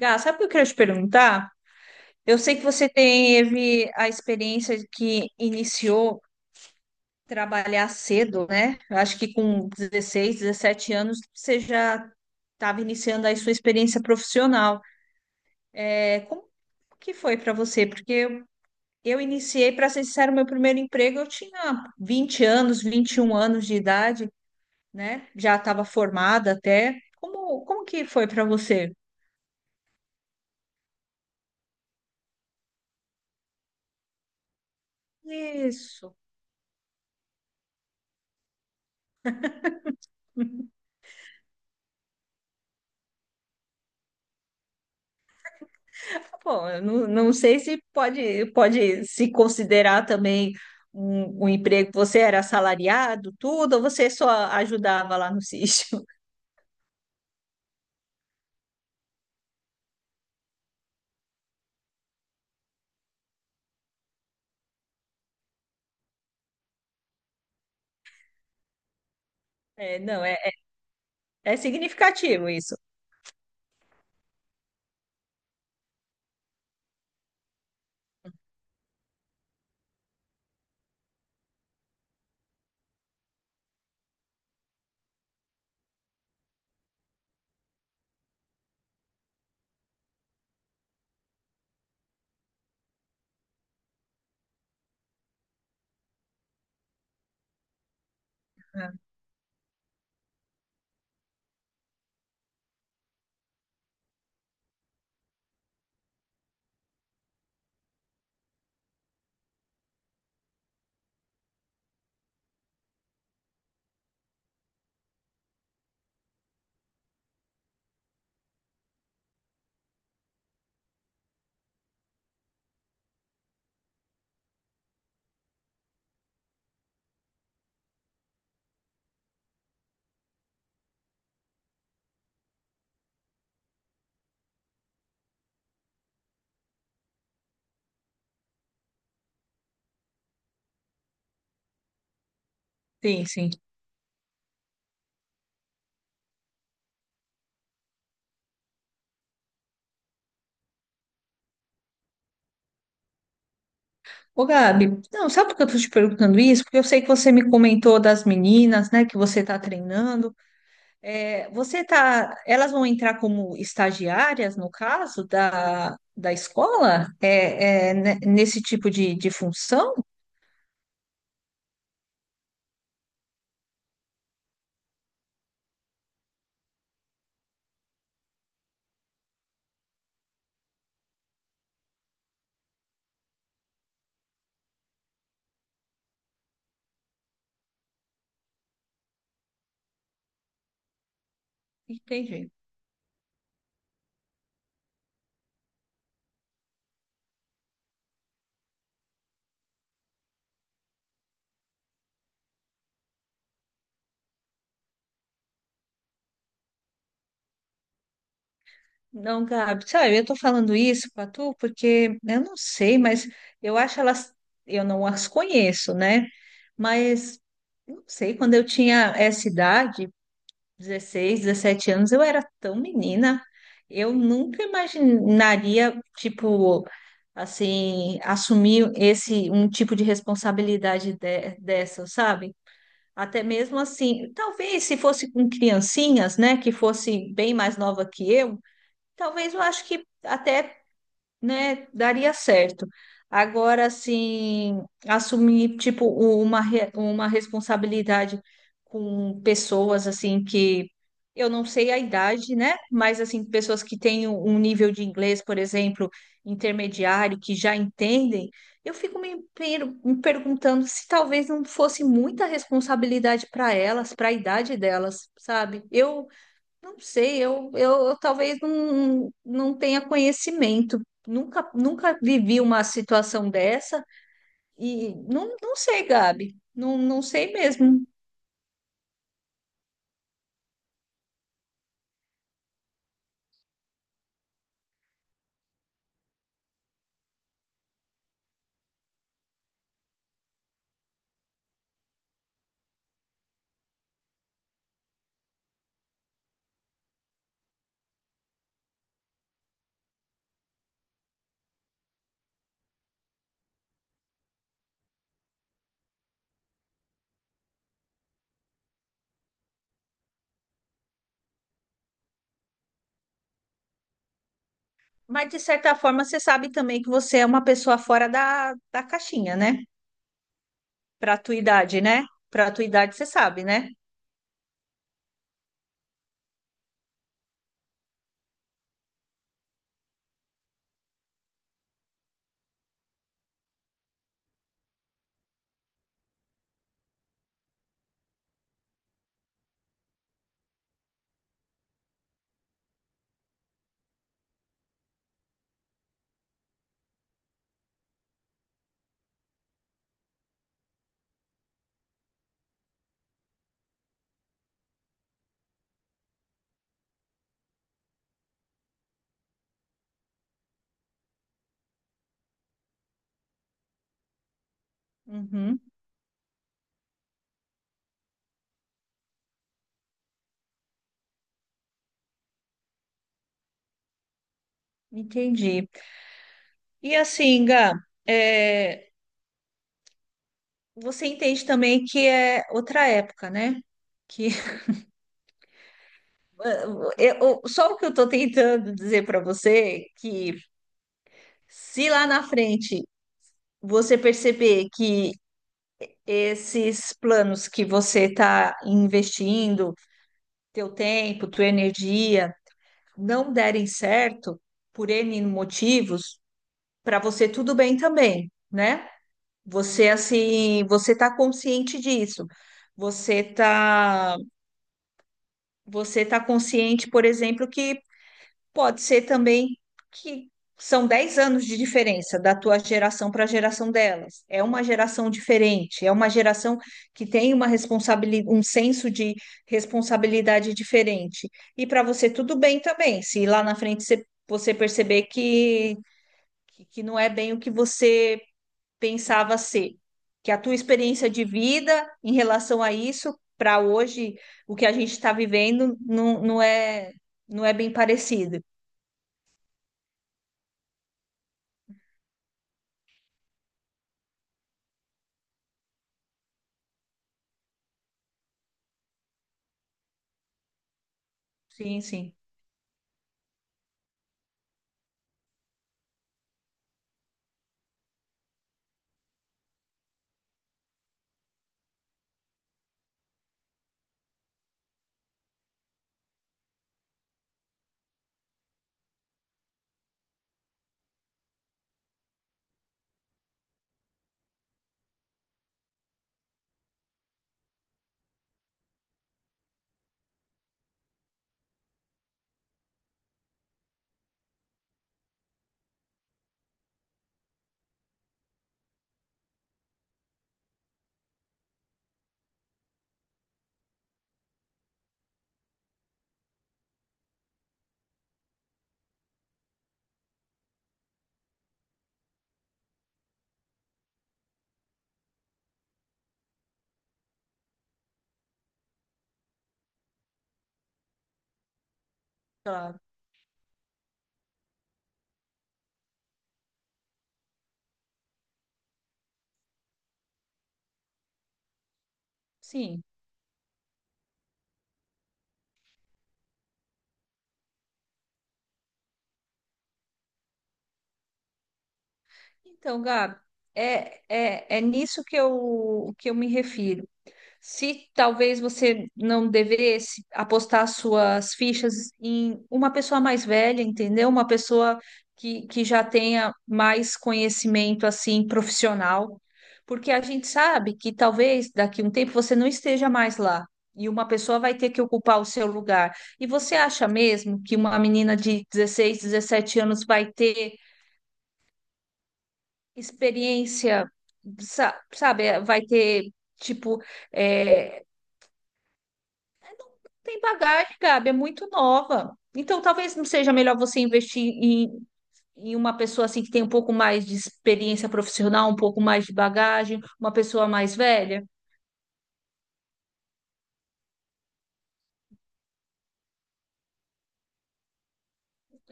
Gá, sabe o que eu quero te perguntar? Eu sei que você teve a experiência de que iniciou trabalhar cedo, né? Eu acho que com 16, 17 anos você já estava iniciando aí sua experiência profissional. É, como que foi para você? Porque eu iniciei, para ser sincero, meu primeiro emprego eu tinha 20 anos, 21 anos de idade, né? Já estava formada até. Como que foi para você? Isso. Tá bom, eu não sei se pode se considerar também um emprego. Você era assalariado, tudo, ou você só ajudava lá no sítio? É, não, é significativo isso. Ah, sim, sim. Ô, Gabi, não, sabe por que eu tô te perguntando isso? Porque eu sei que você me comentou das meninas, né, que você tá treinando. É, você tá, elas vão entrar como estagiárias, no caso, da escola? Nesse tipo de função? Entendi. Não, Gabi, sabe, eu tô falando isso pra tu porque eu não sei, mas eu acho elas, eu não as conheço, né? Mas não sei, quando eu tinha essa idade, 16 17 anos, eu era tão menina, eu nunca imaginaria, tipo, assim, assumir esse um tipo de responsabilidade dessa, sabe? Até mesmo assim, talvez se fosse com criancinhas, né, que fosse bem mais nova que eu. Talvez eu acho que até, né, daria certo. Agora, assim, assumir, tipo, uma responsabilidade com pessoas, assim, que eu não sei a idade, né? Mas, assim, pessoas que têm um nível de inglês, por exemplo, intermediário, que já entendem, eu fico me perguntando se talvez não fosse muita responsabilidade para elas, para a idade delas, sabe? Eu não sei, eu talvez não tenha conhecimento. Nunca vivi uma situação dessa e não sei, Gabi. Não sei mesmo. Mas, de certa forma, você sabe também que você é uma pessoa fora da caixinha, né? Para a tua idade, né? Para a tua idade, você sabe, né? Uhum, entendi. E assim, Gá, é, você entende também que é outra época, né? Que Eu, só o que eu estou tentando dizer para você é que se lá na frente você perceber que esses planos que você está investindo, teu tempo, tua energia, não derem certo por N motivos, para você tudo bem também, né? Você assim, você está consciente disso. Você tá, você tá consciente, por exemplo, que pode ser também que são 10 anos de diferença da tua geração para a geração delas. É uma geração diferente, é uma geração que tem uma responsabilidade, um senso de responsabilidade diferente. E para você tudo bem também, se lá na frente você perceber que não é bem o que você pensava ser, que a tua experiência de vida em relação a isso, para hoje, o que a gente está vivendo, não é bem parecido. Sim, sim, claro. Sim. Então, Gabi, é nisso que eu me refiro. Se talvez você não devesse apostar suas fichas em uma pessoa mais velha, entendeu? Uma pessoa que já tenha mais conhecimento assim profissional, porque a gente sabe que talvez daqui a um tempo você não esteja mais lá. E uma pessoa vai ter que ocupar o seu lugar. E você acha mesmo que uma menina de 16 17 anos vai ter experiência, sa- sabe? Vai ter, tipo, é, tem bagagem, Gabi, é muito nova. Então, talvez não seja melhor você investir em uma pessoa assim que tem um pouco mais de experiência profissional, um pouco mais de bagagem, uma pessoa mais velha.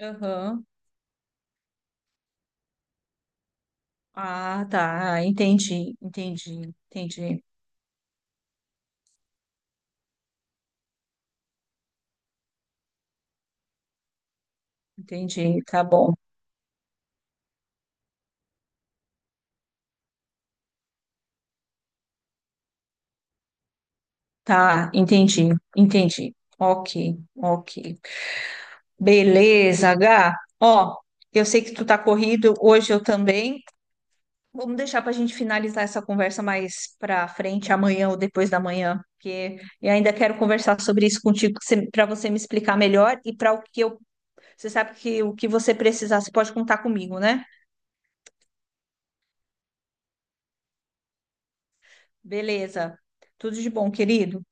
Aham. Ah, tá. Entendi, entendi, entendi, entendi. Tá bom. Tá, entendi, entendi. Ok, ok. Beleza, H. Ó, eu sei que tu tá corrido, hoje eu também. Vamos deixar para a gente finalizar essa conversa mais para frente, amanhã ou depois da manhã, porque eu ainda quero conversar sobre isso contigo, para você me explicar melhor e para o que eu. Você sabe que o que você precisar, você pode contar comigo, né? Beleza. Tudo de bom, querido.